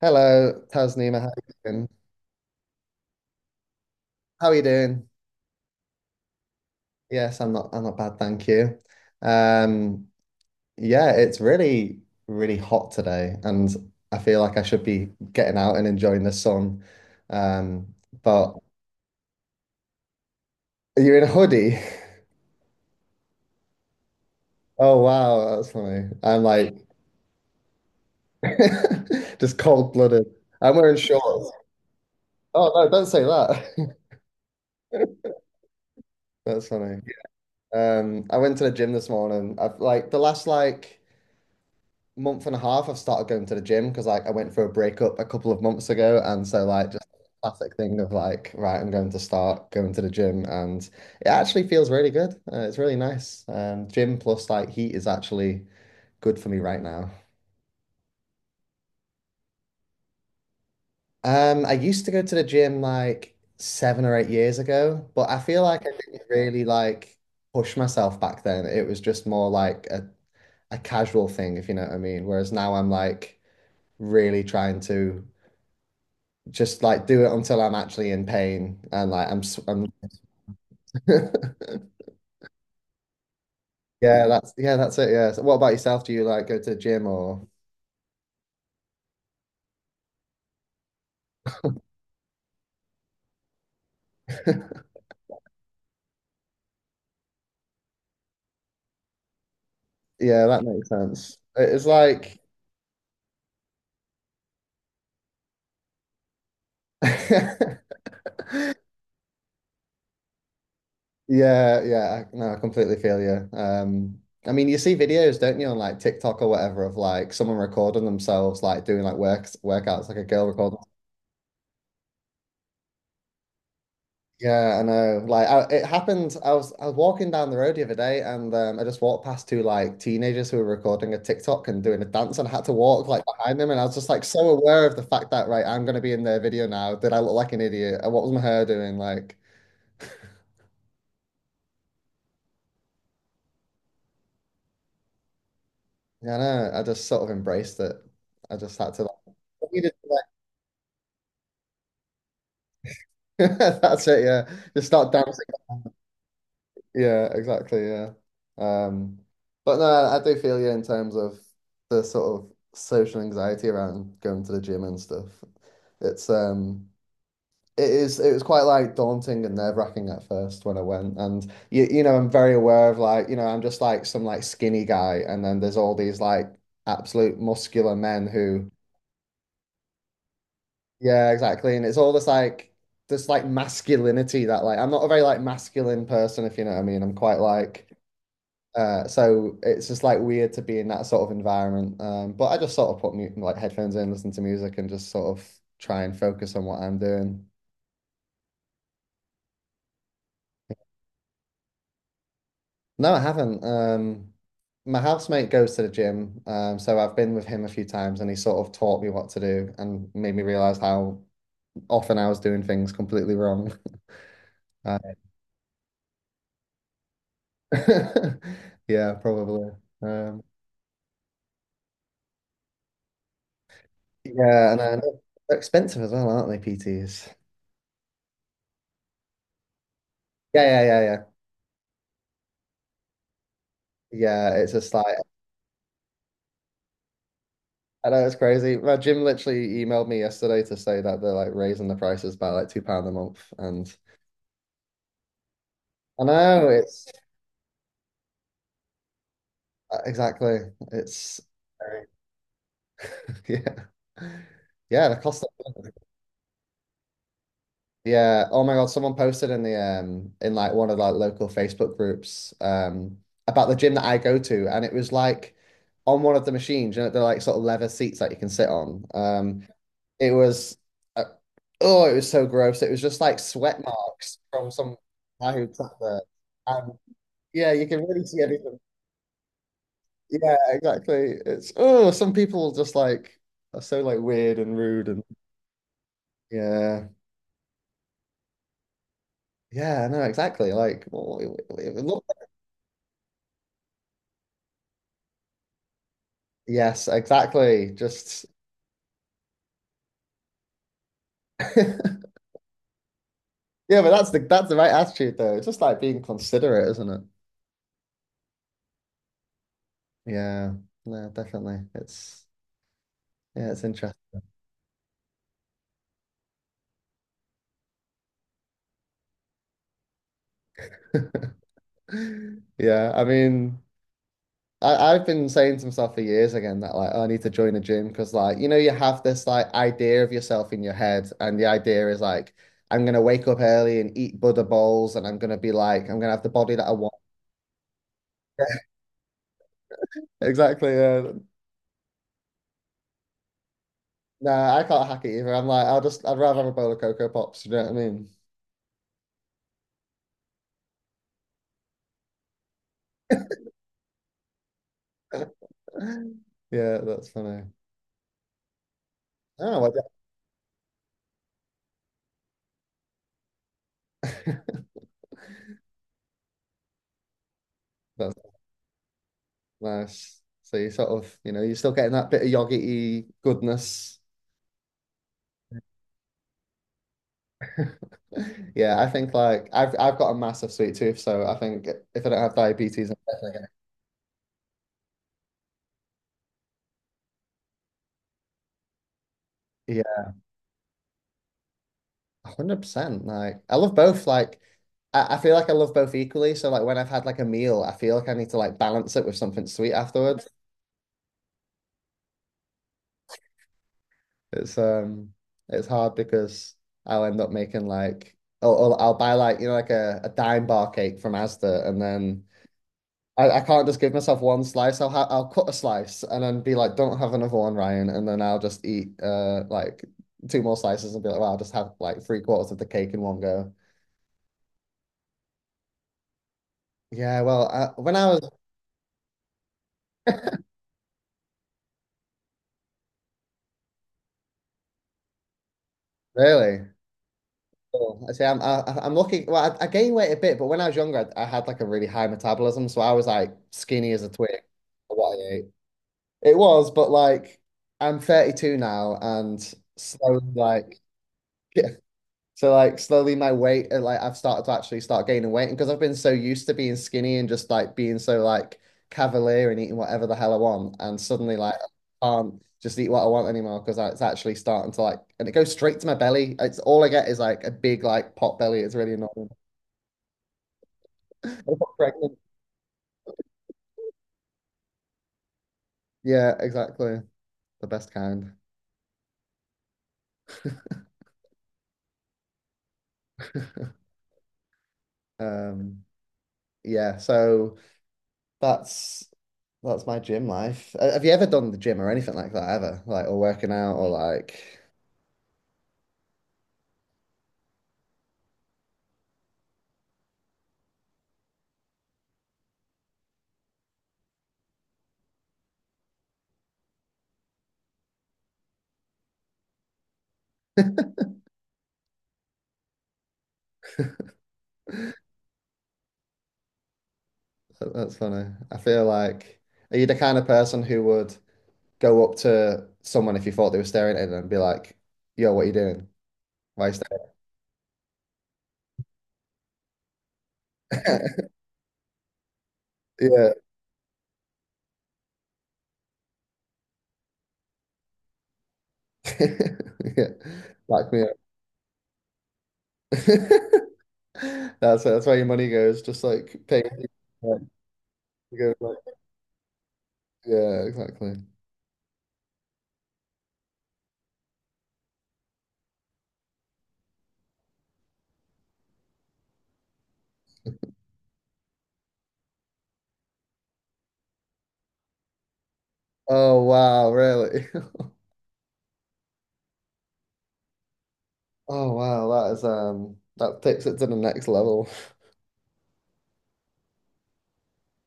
Hello, Tasneema. How are you doing? How are you doing? Yes, I'm not. I'm not bad, thank you. Um, yeah, it's really, really hot today, and I feel like I should be getting out and enjoying the sun. Um, but you're in a hoodie. Oh wow, that's funny. I'm like just cold-blooded. I'm wearing shorts. Oh no, don't say that. That's funny. I went to the gym this morning. I've like the last like. Month and a half, I've started going to the gym because I went through a breakup a couple of months ago, and so like just classic thing of like, right, I'm going to start going to the gym, and it actually feels really good. It's really nice. Gym plus like heat is actually good for me right now. I used to go to the gym like 7 or 8 years ago, but I feel like I didn't really like push myself back then. It was just more like a casual thing, if you know what I mean. Whereas now I'm like really trying to just like do it until I'm actually in pain and I'm yeah that's it, yeah. So what about yourself, do you like go to the gym or yeah, that makes sense. It's like yeah, yeah, no I completely feel you. I mean you see videos, don't you, on like TikTok or whatever, of like someone recording themselves like doing like works workouts, like a girl recording. Yeah, I know. Like, it happened. I was walking down the road the other day, and I just walked past two like teenagers who were recording a TikTok and doing a dance, and I had to walk like behind them, and I was just like so aware of the fact that right, I'm gonna be in their video now. Did I look like an idiot? And What was my hair doing? Like, yeah, I know. I just sort of embraced it. I just had to to, like- that's it. Yeah, just start dancing. Yeah, exactly. Yeah. Um, but no, I do feel you in terms of the sort of social anxiety around going to the gym and stuff. It's um it is it was quite like daunting and nerve-wracking at first when I went, and you know, I'm very aware of like, you know, I'm just like some like skinny guy, and then there's all these like absolute muscular men who yeah, exactly. And it's all this like masculinity that like I'm not a very like masculine person, if you know what I mean. I'm quite like so it's just like weird to be in that sort of environment. But I just sort of put mu like headphones in, listen to music, and just sort of try and focus on what I'm doing. No, I haven't. My housemate goes to the gym, so I've been with him a few times, and he sort of taught me what to do and made me realize how often I was doing things completely wrong. Uh, yeah, probably. Um, yeah, and I know they're expensive as well, aren't they, PTs? Yeah, yeah, yeah, yeah. Yeah, it's just like I know, it's crazy. My gym literally emailed me yesterday to say that they're like raising the prices by like £2 a month, and I know it's exactly, it's yeah, yeah, the cost of yeah. Oh my God, someone posted in the in like one of like local Facebook groups about the gym that I go to, and it was like on one of the machines, you know, they're like sort of leather seats that you can sit on. It was, uh, oh, it was so gross. It was just like sweat marks from some guy who sat there. And yeah, you can really see anything. Yeah, exactly. It's, oh, some people just like are so like weird and rude, and yeah. Yeah, no, exactly. Like, it it looked, like, yes, exactly. Just, yeah, but that's the right attitude though. It's just like being considerate, isn't it? Yeah, no, definitely. It's yeah, it's interesting. Yeah, I mean, I've been saying to myself for years again that like, oh, I need to join a gym, because like, you know, you have this like idea of yourself in your head, and the idea is like I'm gonna wake up early and eat Buddha bowls, and I'm gonna be like I'm gonna have the body that I want. Exactly. Yeah. Nah, I can't hack it either. I'm like I'll just I'd rather have a bowl of Cocoa Pops. You know what I mean? Yeah, that's funny. Oh, well, yeah. that's nice. So you sort of, you know, you're still getting that bit of yogi good goodness. Yeah, I think like I've got a massive sweet tooth, so I think if I don't have diabetes, I'm definitely gonna yeah, 100%. Like I love both. Like I feel like I love both equally. So like when I've had like a meal, I feel like I need to like balance it with something sweet afterwards. It's um it's hard because I'll end up making like, oh, I'll buy like, you know, like a dime bar cake from Asda, and then I can't just give myself one slice. I'll cut a slice and then be like, don't have another one, Ryan. And then I'll just eat like two more slices and be like, well, I'll just have like three-quarters of the cake in one go. Yeah, when I was really, oh, I say I'm lucky. Well, I gained weight a bit, but when I was younger, I had like a really high metabolism, so I was like skinny as a twig. For What I ate, it was, but like I'm 32 now, and slowly like. So like slowly my weight, like I've started to actually start gaining weight, and because I've been so used to being skinny and just like being so like cavalier and eating whatever the hell I want, and suddenly like I can't just eat what I want anymore, because it's actually starting to like, and it goes straight to my belly. It's all I get is like a big like pot belly. It's really annoying. I got pregnant. Yeah, exactly. The best kind. Um, yeah. So that's that's my gym life. Have you ever done the gym or anything like that ever? Like, or working out or like. That's funny. I feel like are you the kind of person who would go up to someone if you thought they were staring at them and be like, "Yo, what are you doing? Why are you staring?" Yeah, yeah, back me up. That's where your money goes. Just like paying people to go, like- Yeah, exactly. Oh wow, really? Oh wow, that is that takes it to the next level.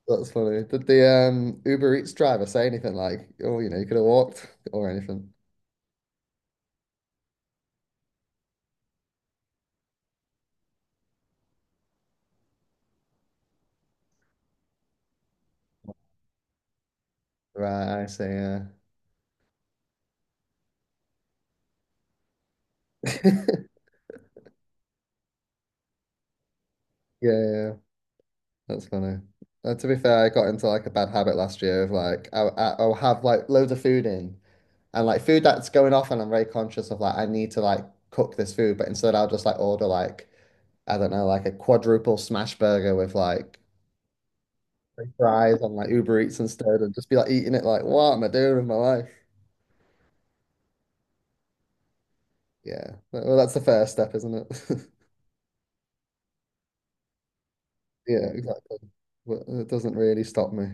That's funny. Did the Uber Eats driver say anything like, "Oh, you know, you could have walked" or anything? Right, I see. Yeah. Yeah, yeah, that's funny. To be fair, I got into like a bad habit last year of like I'll have like loads of food in, and like food that's going off, and I'm very conscious of like I need to like cook this food, but instead I'll just like order like I don't know, like a quadruple smash burger with like fries on like Uber Eats instead, and just be like eating it like what am I doing with my life? Yeah, well, that's the first step, isn't it? Yeah, exactly. But it doesn't really stop me.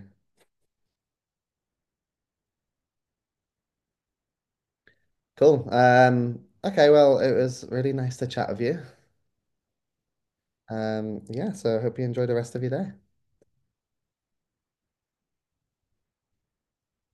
Cool. Okay, well, it was really nice to chat with you. Yeah, so I hope you enjoy the rest of your day.